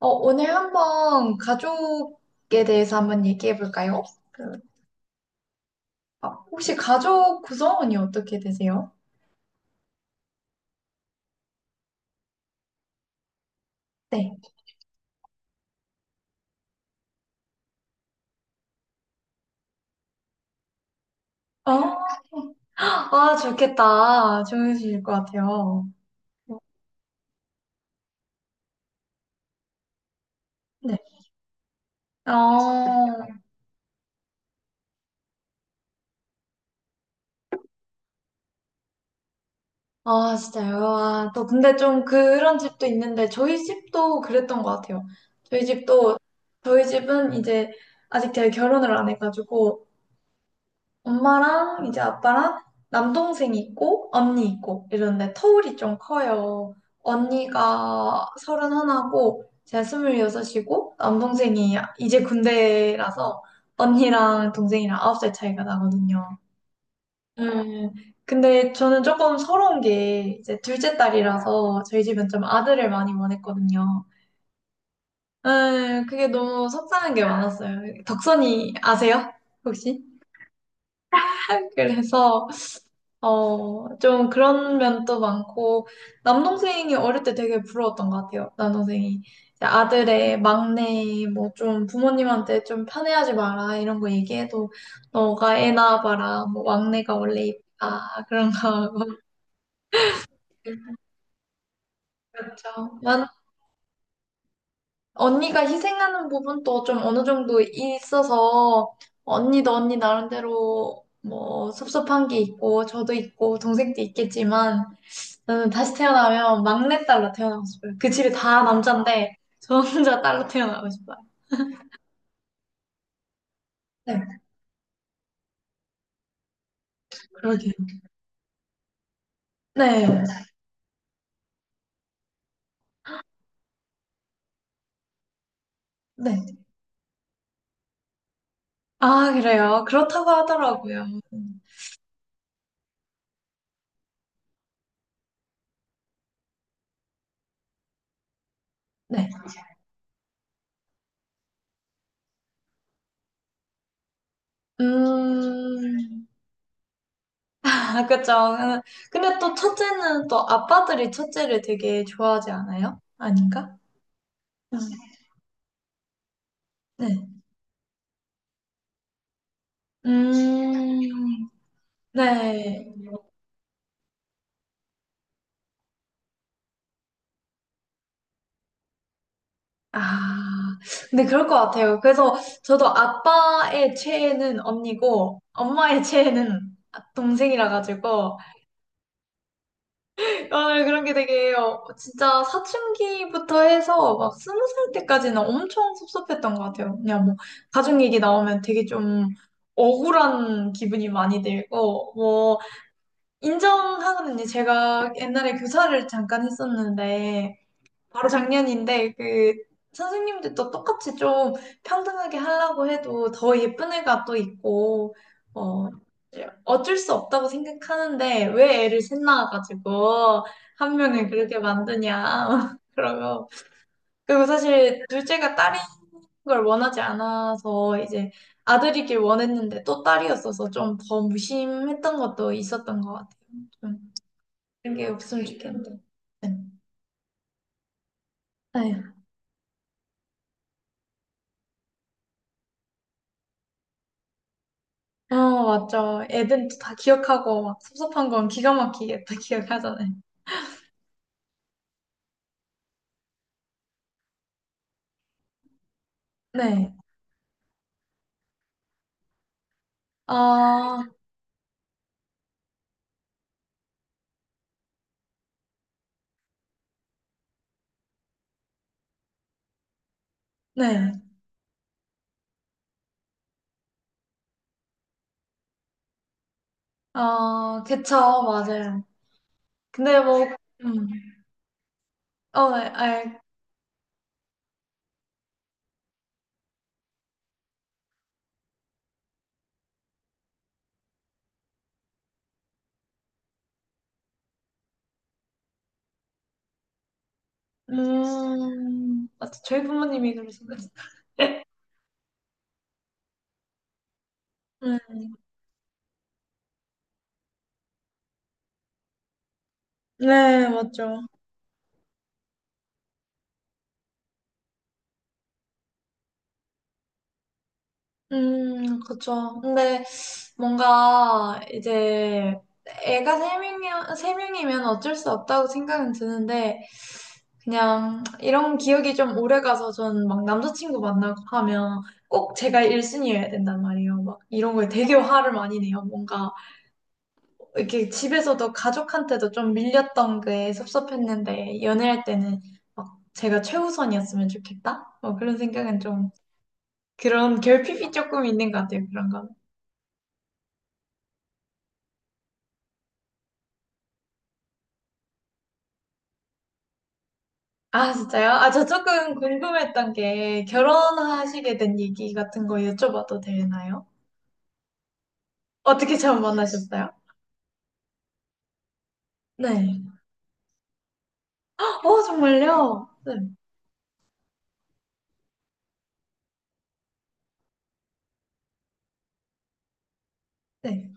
오늘 한번 가족에 대해서 한번 얘기해 볼까요? 그, 아, 혹시 가족 구성원이 어떻게 되세요? 네. 어, 아, 좋겠다. 좋으실 것 같아요. 네. 어, 아, 진짜요? 아, 또 근데 좀 그런 집도 있는데 저희 집도 그랬던 것 같아요. 저희 집도 저희 집은 이제 아직 제가 결혼을 안 해가지고 엄마랑 이제 아빠랑 남동생이 있고 언니 있고 이러는데 터울이 좀 커요. 언니가 서른 하나고 제가 스물여섯이고 남동생이 이제 군대라서 언니랑 동생이랑 아홉 살 차이가 나거든요. 음, 근데 저는 조금 서러운 게 이제 둘째 딸이라서 저희 집은 좀 아들을 많이 원했거든요. 그게 너무 속상한 게 많았어요. 덕선이 아세요? 혹시? 그래서 좀 그런 면도 많고, 남동생이 어릴 때 되게 부러웠던 것 같아요. 남동생이. 이제 아들의 막내, 뭐 좀 부모님한테 좀 편애하지 마라, 이런 거 얘기해도, 너가 애 낳아봐라, 뭐 막내가 원래 이쁘다, 그런 거 하고. 그렇죠. 난 언니가 희생하는 부분도 좀 어느 정도 있어서, 언니도 언니 나름대로 뭐 섭섭한 게 있고, 저도 있고, 동생도 있겠지만, 저는 다시 태어나면 막내딸로 태어나고 싶어요. 그 집이 다 남잔데 저 혼자 딸로 태어나고 싶어요. 네. 그러게요. 네. 네. 아, 그래요. 그렇다고 하더라고요. 네. 음, 아, 그쵸. 근데 또 첫째는 또 아빠들이 첫째를 되게 좋아하지 않아요? 아닌가? 음, 네. 음, 네. 아, 근데 그럴 것 같아요. 그래서 저도 아빠의 최애는 언니고, 엄마의 최애는 동생이라 가지고, 오늘 그런 게 되게, 진짜 사춘기부터 해서 막 스무 살 때까지는 엄청 섭섭했던 것 같아요. 그냥 뭐, 가족 얘기 나오면 되게 좀 억울한 기분이 많이 들고, 뭐, 인정하는 게 제가 옛날에 교사를 잠깐 했었는데, 바로 작년인데 그 선생님들도 똑같이 좀 평등하게 하려고 해도 더 예쁜 애가 또 있고 어 어쩔 수 없다고 생각하는데 왜 애를 셋 낳아가지고 한 명을 그렇게 만드냐 그러면 그리고 사실 둘째가 딸인 걸 원하지 않아서 이제 아들이길 원했는데 또 딸이었어서 좀 더 무심했던 것도 있었던 것 같아요. 좀 그런 게 없으면 좋겠는데. 네. 네. 어, 맞죠. 애들이 또다 기억하고 막 섭섭한 건 기가 막히게 다 기억하잖아요. 네. 어, 네. 어, 그쵸. 맞아요. 근데 뭐, 음, 어, 네, 알, 맞죠. 저희 부모님이 그러시네요. 음, 네, 맞죠. 그쵸. 근데 뭔가 이제 세 명이면 어쩔 수 없다고 생각은 드는데, 그냥 이런 기억이 좀 오래 가서 전 막 남자친구 만나고 하면 꼭 제가 1순위여야 된단 말이에요. 막 이런 거에 되게 화를 많이 내요. 뭔가 이렇게 집에서도 가족한테도 좀 밀렸던 게 섭섭했는데 연애할 때는 막 제가 최우선이었으면 좋겠다? 뭐 그런 생각은 좀 그런 결핍이 조금 있는 것 같아요. 그런 건. 아, 진짜요? 아, 저 조금 궁금했던 게 결혼하시게 된 얘기 같은 거 여쭤봐도 되나요? 어떻게 처음 만나셨어요? 네. 어, 정말요? 네, 네.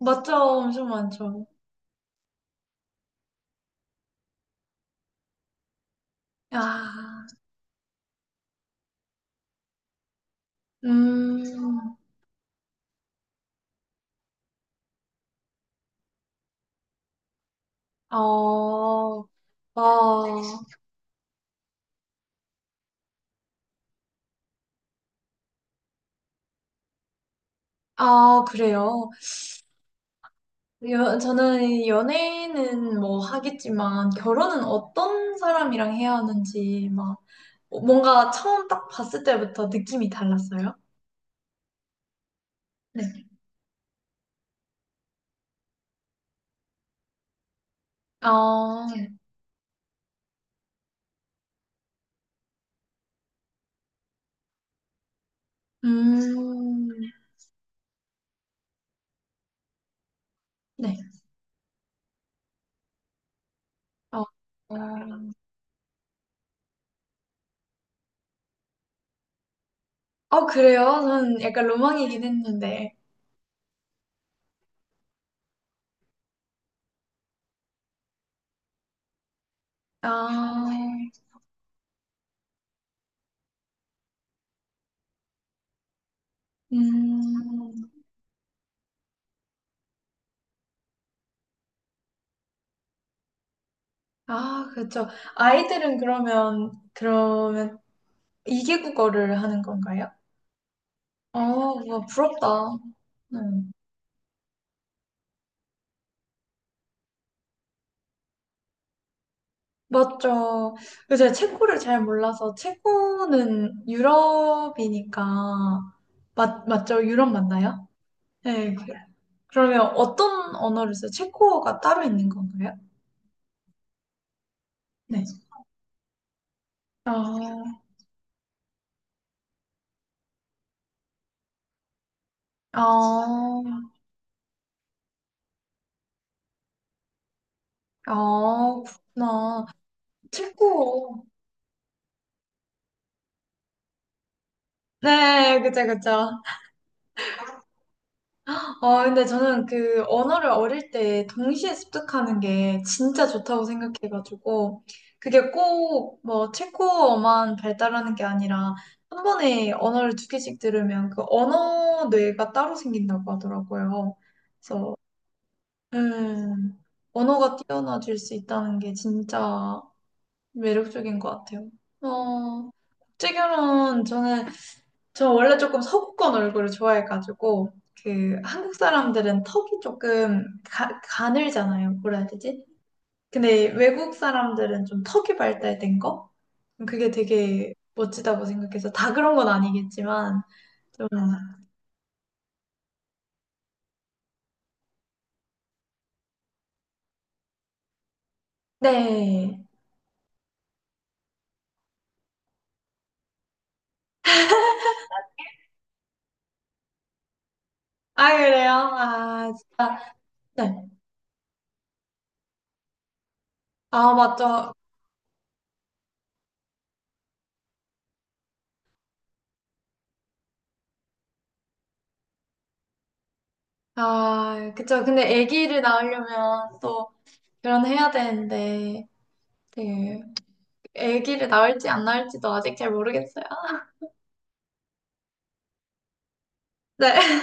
맞죠? 엄청 많죠. 야, 음, 어, 어, 아, 그래요. 저는 연애는 뭐 하겠지만, 결혼은 어떤 사람이랑 해야 하는지, 막, 뭔가 처음 딱 봤을 때부터 느낌이 달랐어요. 네. 어, 음, 네. 어, 어, 어, 그래요? 저는 약간 로망이긴 했는데. 아, 음, 아, 그렇죠. 그러면 이계국어를 하는 건가요? 어, 와, 부럽다. 음, 맞죠. 근데 제가 체코를 잘 몰라서, 체코는 유럽이니까, 맞죠? 유럽 맞나요? 네. 그러면 어떤 언어를 써요? 체코어가 따로 있는 건가요? 네. 아, 아, 아, 그렇구나. 체코어. 네, 그죠, 그죠. 아, 근데 저는 그 언어를 어릴 때 동시에 습득하는 게 진짜 좋다고 생각해가지고, 그게 꼭 뭐 체코어만 발달하는 게 아니라, 한 번에 언어를 두 개씩 들으면 그 언어 뇌가 따로 생긴다고 하더라고요. 그래서, 음, 언어가 뛰어나질 수 있다는 게 진짜 매력적인 것 같아요. 어, 국제결혼 저는 저 원래 조금 서구권 얼굴을 좋아해가지고 그 한국 사람들은 턱이 조금 가늘잖아요. 뭐라 해야 되지? 근데 외국 사람들은 좀 턱이 발달된 거? 그게 되게 멋지다고 생각해서 다 그런 건 아니겠지만 좀 네. 아 그래요? 아 진짜 네. 아 맞죠. 아 그쵸. 근데 아기를 낳으려면 또 결혼해야 되는데 되게 아기를 낳을지 안 낳을지도 아직 잘 모르겠어요. 네.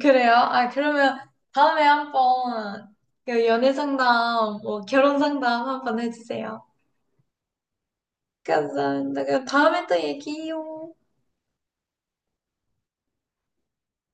그래요? 아, 그러면 다음에 한번 그 연애 상담, 뭐 결혼 상담 한 번 해주세요. 감사합니다. 그럼 다음에 또 얘기해요.